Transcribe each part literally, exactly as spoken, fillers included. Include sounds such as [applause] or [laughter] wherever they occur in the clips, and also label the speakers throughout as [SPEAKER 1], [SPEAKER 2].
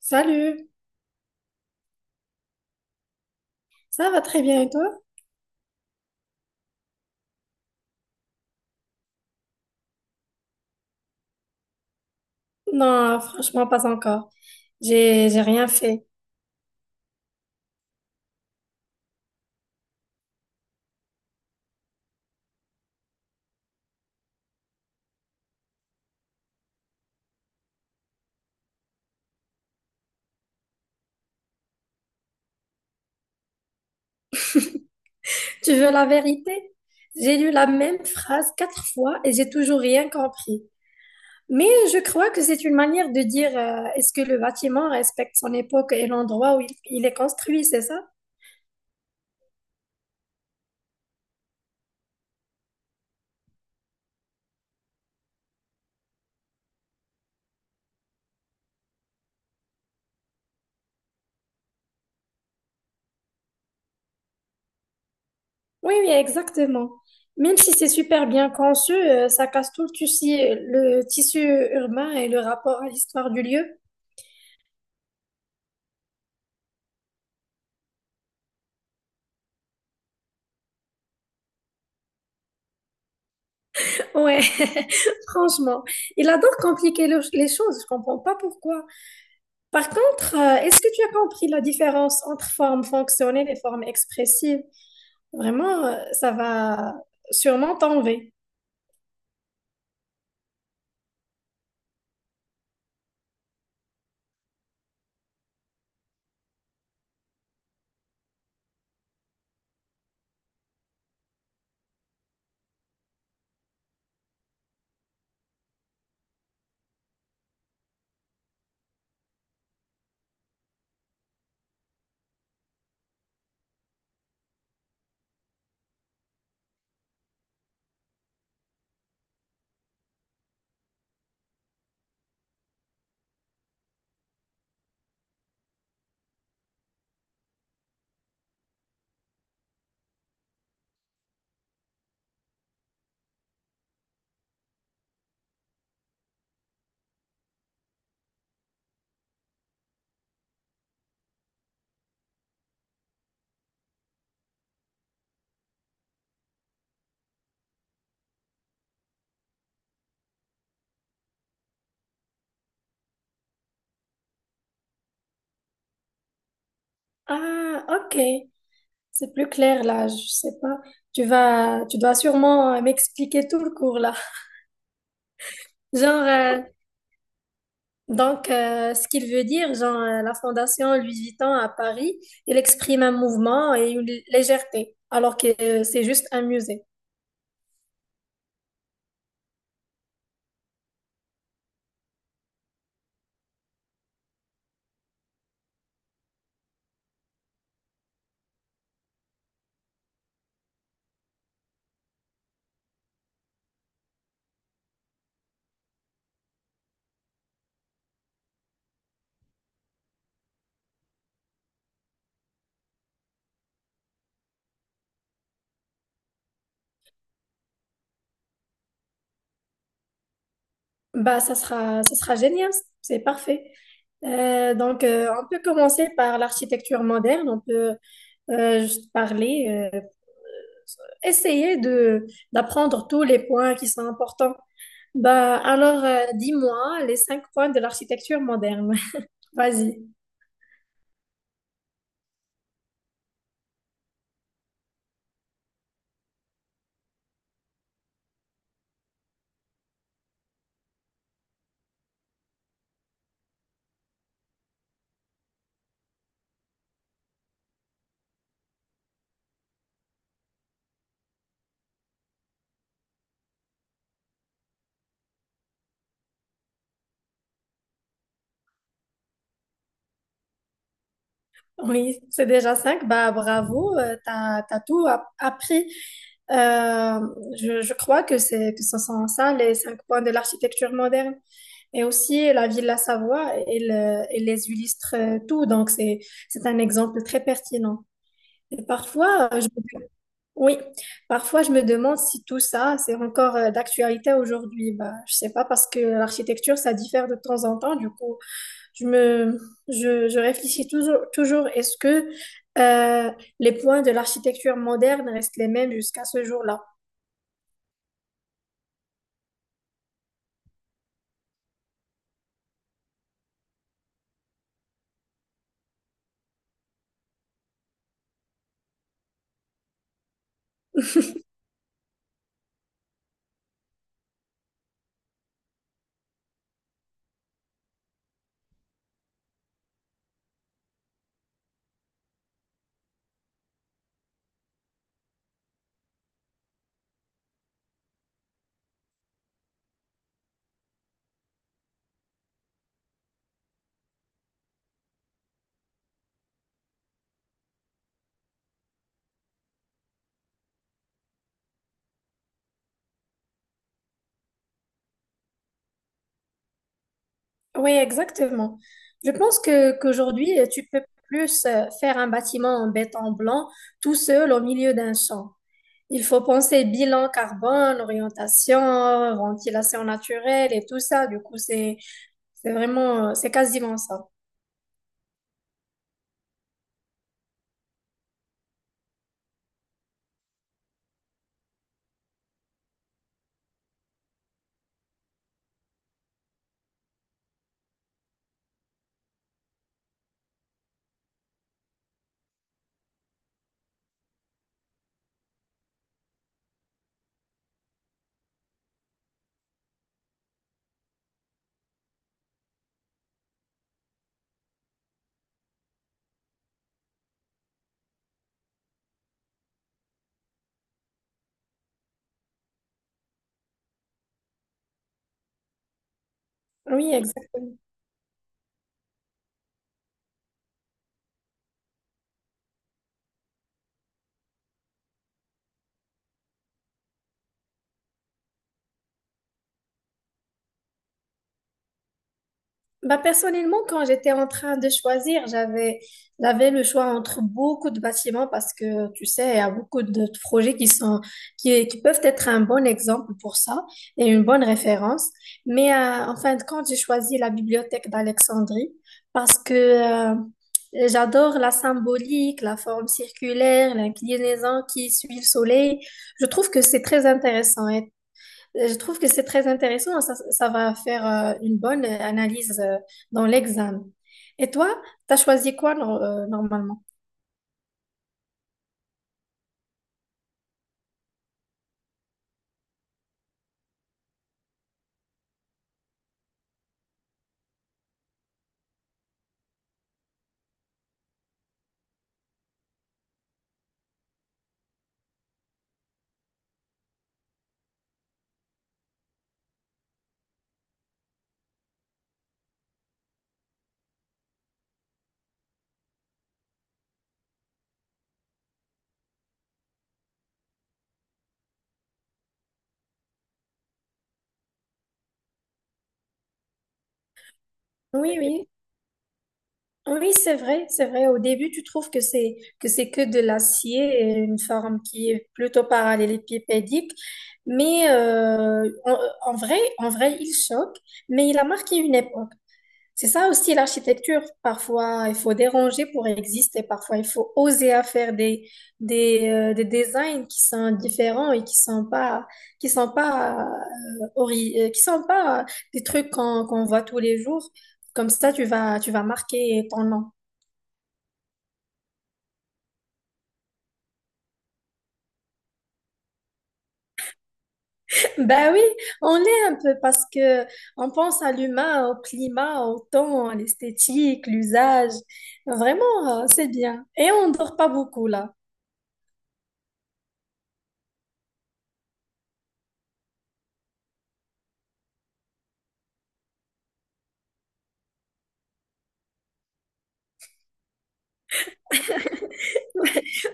[SPEAKER 1] Salut, ça va très bien et toi? Non, franchement, pas encore. J'ai, j'ai rien fait. Tu veux la vérité? J'ai lu la même phrase quatre fois et j'ai toujours rien compris. Mais je crois que c'est une manière de dire, euh, est-ce que le bâtiment respecte son époque et l'endroit où il, il est construit, c'est ça? Oui, oui, exactement. Même si c'est super bien conçu, euh, ça casse tout le tissu, le tissu urbain et le rapport à l'histoire du lieu. Ouais, [laughs] franchement. Il adore compliquer le- les choses, je comprends pas pourquoi. Par contre, euh, est-ce que tu as compris la différence entre formes fonctionnelles et formes expressives? Vraiment, euh, ça va sûrement t'enlever. Ah, ok. C'est plus clair là, je sais pas. Tu vas, tu dois sûrement euh, m'expliquer tout le cours là. Genre, euh, Donc, euh, ce qu'il veut dire, genre, euh, la Fondation Louis Vuitton à Paris, il exprime un mouvement et une légèreté, alors que euh, c'est juste un musée. Bah, ça sera, ça sera génial, c'est parfait. Euh, donc, euh, on peut commencer par l'architecture moderne, on peut euh, juste parler, euh, essayer de d'apprendre tous les points qui sont importants. Bah, alors, euh, dis-moi les cinq points de l'architecture moderne. [laughs] Vas-y. Oui, c'est déjà cinq. Bah, bravo, euh, t'as, t'as tout app- appris. Euh, je, je crois que c'est que ce sont ça les cinq points de l'architecture moderne. Et aussi la ville de la Savoie, elle, euh, elle les illustre euh, tout. Donc c'est c'est un exemple très pertinent. Et parfois, euh, je, oui, parfois je me demande si tout ça c'est encore euh, d'actualité aujourd'hui. Bah, je sais pas parce que l'architecture ça diffère de temps en temps. Du coup. Je me, je, je réfléchis toujours, toujours est-ce que euh, les points de l'architecture moderne restent les mêmes jusqu'à ce jour-là? [laughs] Oui, exactement. Je pense que qu'aujourd'hui, tu peux plus euh, faire un bâtiment en béton blanc tout seul au milieu d'un champ. Il faut penser bilan carbone, orientation, ventilation naturelle et tout ça. Du coup, c'est c'est vraiment, euh, c'est quasiment ça. Oui, exactement. Bah, personnellement, quand j'étais en train de choisir, j'avais, j'avais le choix entre beaucoup de bâtiments parce que, tu sais, il y a beaucoup de projets qui sont, qui, qui peuvent être un bon exemple pour ça et une bonne référence. Mais euh, en fin de compte, j'ai choisi la bibliothèque d'Alexandrie parce que euh, j'adore la symbolique, la forme circulaire, l'inclinaison qui suit le soleil. Je trouve que c'est très intéressant je trouve que c'est très intéressant. Ça, ça va faire euh, une bonne analyse euh, dans l'examen. Et toi, t'as choisi quoi nor- euh, normalement? Oui, oui. Oui, c'est vrai, c'est vrai. Au début, tu trouves que c'est que c'est que de l'acier, et une forme qui est plutôt parallélépipédique, mais euh, en, en vrai, en vrai, il choque, mais il a marqué une époque. C'est ça aussi l'architecture. Parfois, il faut déranger pour exister. Parfois, il faut oser à faire des, des, euh, des designs qui sont différents et qui sont pas, qui sont pas, euh, ori- euh, qui sont pas euh, des trucs qu'on qu'on voit tous les jours. Comme ça, tu vas, tu vas marquer ton nom. [laughs] Ben oui, on est un peu parce que on pense à l'humain, au climat, au temps, à l'esthétique, l'usage. Vraiment, euh, c'est bien. Et on dort pas beaucoup là.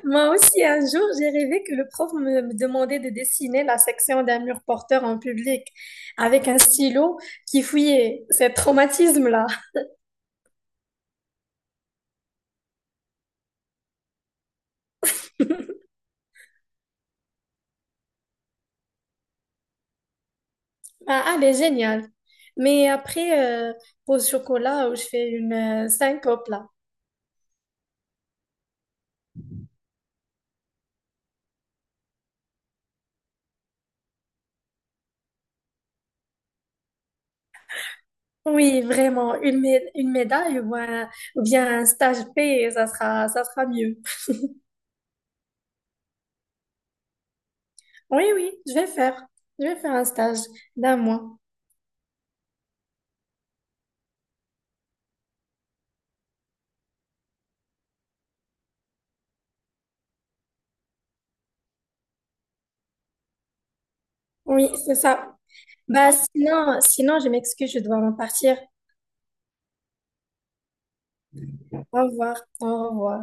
[SPEAKER 1] Moi aussi, un jour, j'ai rêvé que le prof me, me demandait de dessiner la section d'un mur porteur en public avec un stylo qui fouillait. C'est traumatisme-là. Ah, elle est géniale. Mais après, euh, pause chocolat, où je fais une euh, syncope là. Oui, vraiment, une, mé- une médaille ou, un- ou bien un stage P, ça sera, ça sera mieux. Oui, oui, je vais faire. Je vais faire un stage d'un mois. Oui, c'est ça. Bah, sinon, sinon, je m'excuse, je dois en partir. Au revoir. Au revoir.